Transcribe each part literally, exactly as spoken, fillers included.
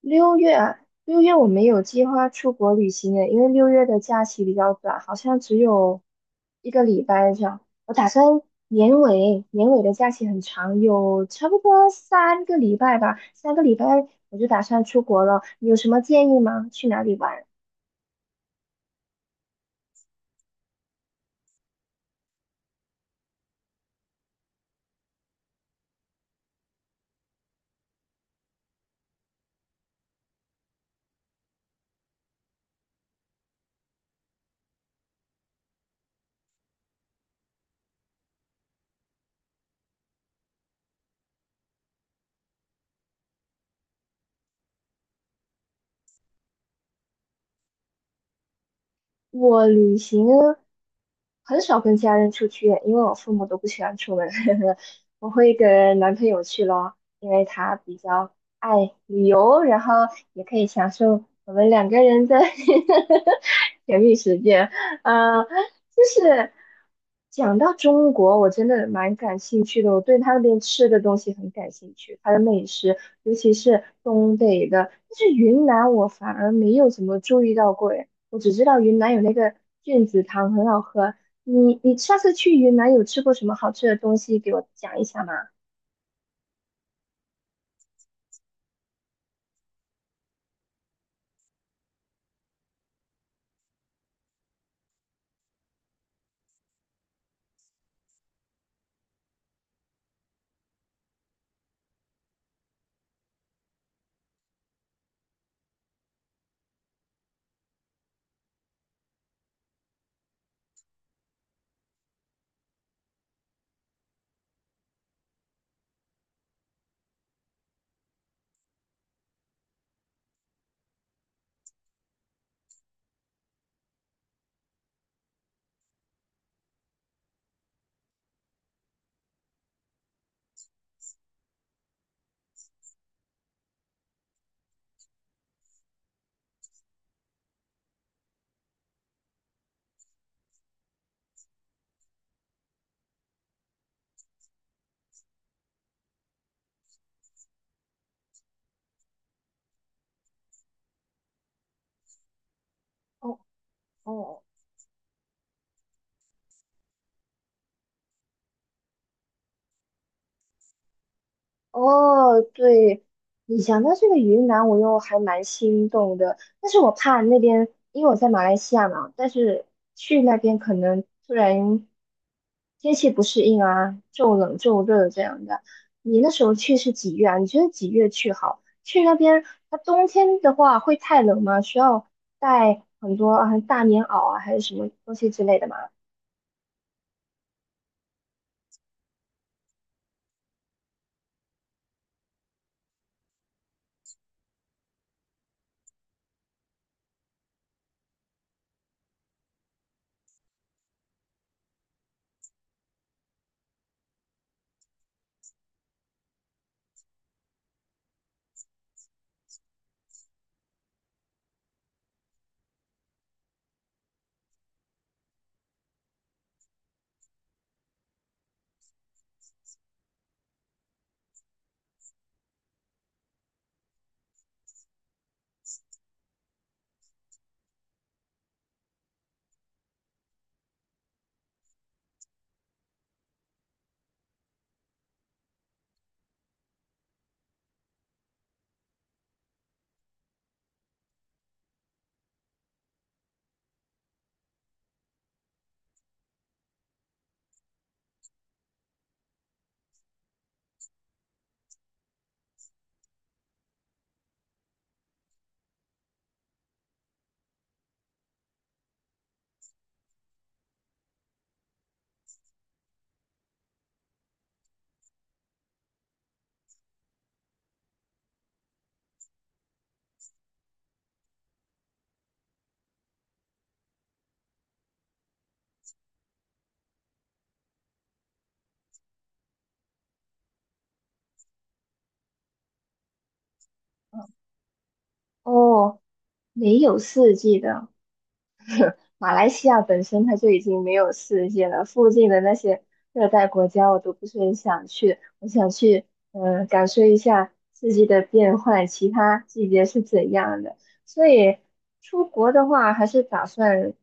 六月啊，六月我没有计划出国旅行的，因为六月的假期比较短，好像只有一个礼拜这样。我打算年尾，年尾的假期很长，有差不多三个礼拜吧，三个礼拜我就打算出国了。你有什么建议吗？去哪里玩？我旅行呢很少跟家人出去，因为我父母都不喜欢出门。我会跟男朋友去咯，因为他比较爱旅游，然后也可以享受我们两个人的 甜蜜时间。呃，就是讲到中国，我真的蛮感兴趣的，我对他那边吃的东西很感兴趣，他的美食，尤其是东北的。但是云南我反而没有怎么注意到过，诶，我只知道云南有那个菌子汤很好喝，你你上次去云南有吃过什么好吃的东西？给我讲一下嘛。哦哦哦，对，你讲到这个云南，我又还蛮心动的，但是我怕那边，因为我在马来西亚嘛，但是去那边可能突然天气不适应啊，骤冷骤热这样的。你那时候去是几月啊？你觉得几月去好？去那边，它冬天的话会太冷吗？需要带很多啊大棉袄啊，还是什么东西之类的吗？哦，没有四季的。马来西亚本身它就已经没有世界了，附近的那些热带国家我都不是很想去，我想去嗯、呃感受一下四季的变换，其他季节是怎样的。所以出国的话，还是打算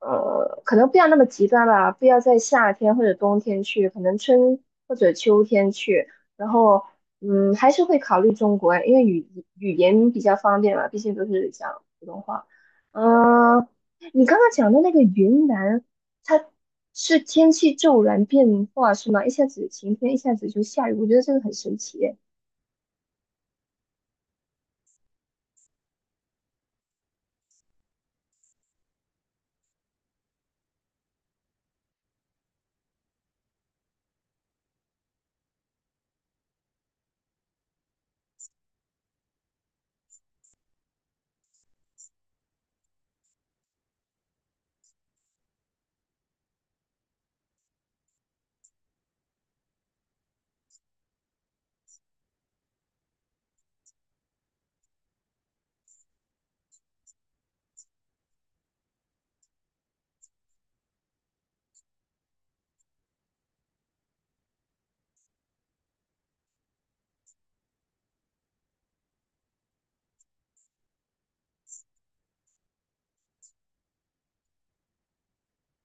呃，可能不要那么极端吧，不要在夏天或者冬天去，可能春或者秋天去，然后。嗯，还是会考虑中国，因为语语言比较方便嘛，毕竟都是讲普通话。嗯，你刚刚讲的那个云南，它是天气骤然变化是吗？一下子晴天，一下子就下雨，我觉得这个很神奇耶。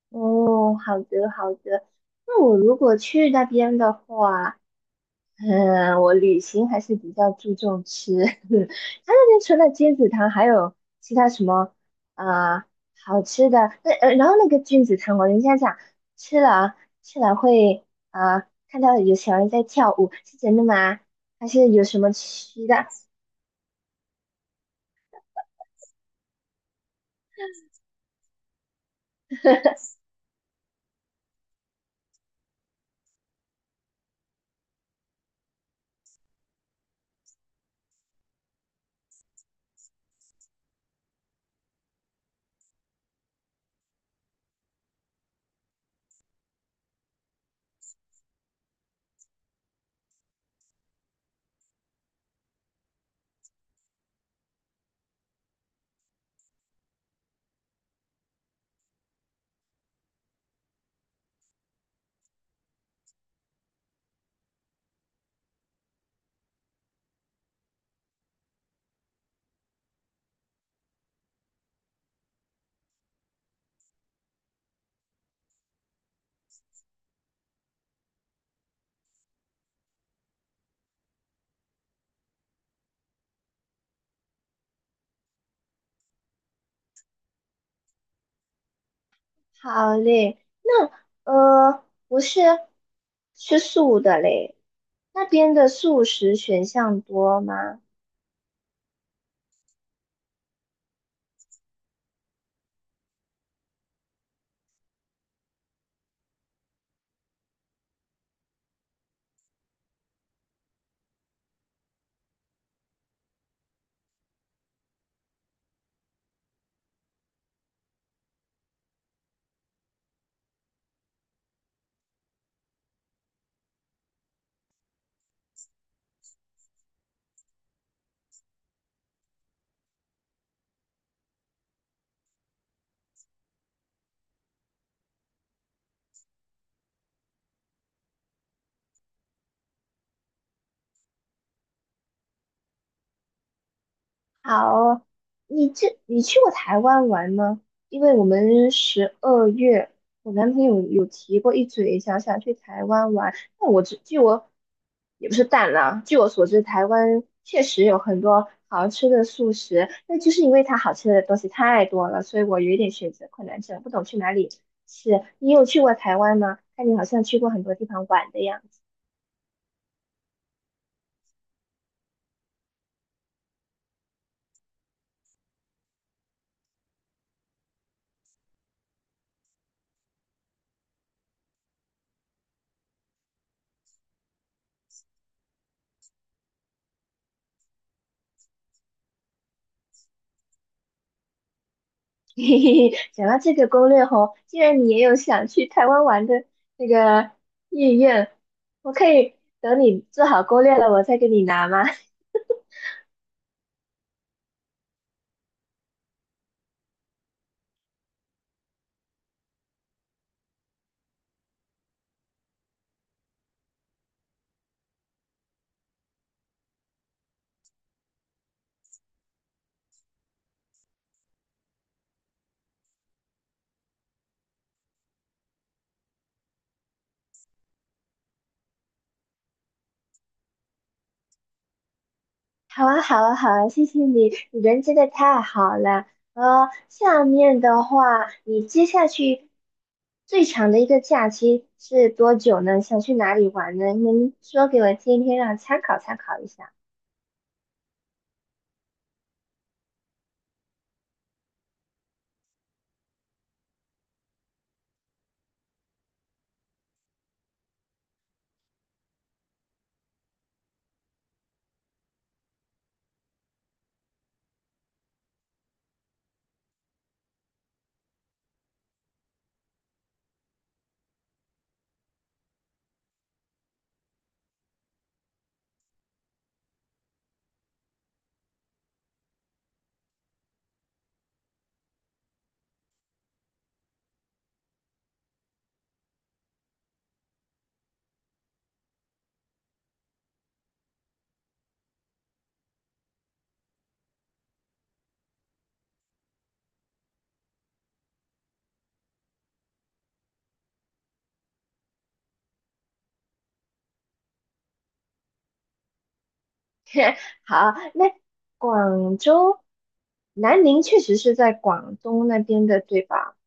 哦，好的好的，那我如果去那边的话，嗯，我旅行还是比较注重吃。他那边除了金子汤，还有其他什么啊好吃的？那呃，然后那个菌子汤，我人家讲吃了啊吃了会啊，看到有小人在跳舞，是真的吗？还是有什么吃的？好嘞，那呃我是吃素的嘞，那边的素食选项多吗？好，你这你去过台湾玩吗？因为我们十二月，我男朋友有提过一嘴，想想去台湾玩。那我只据我也不是淡了，据我所知，台湾确实有很多好吃的素食，那就是因为它好吃的东西太多了，所以我有一点选择困难症，不懂去哪里吃。你有去过台湾吗？看你好像去过很多地方玩的样子。嘿嘿嘿，讲到这个攻略吼，既然你也有想去台湾玩的那个意愿，我可以等你做好攻略了，我再给你拿吗？好啊，好啊，好啊，谢谢你，你人真的太好了。呃，下面的话，你接下去最长的一个假期是多久呢？想去哪里玩呢？您说给我听一听，让我参考参考一下。好，那广州，南宁确实是在广东那边的，对吧？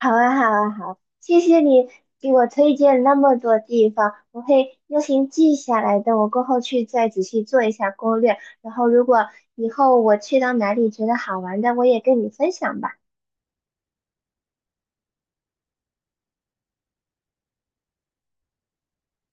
好啊，好啊，好，谢谢你给我推荐那么多地方，我会用心记下来，的。我过后去再仔细做一下攻略。然后，如果以后我去到哪里觉得好玩的，我也跟你分享吧。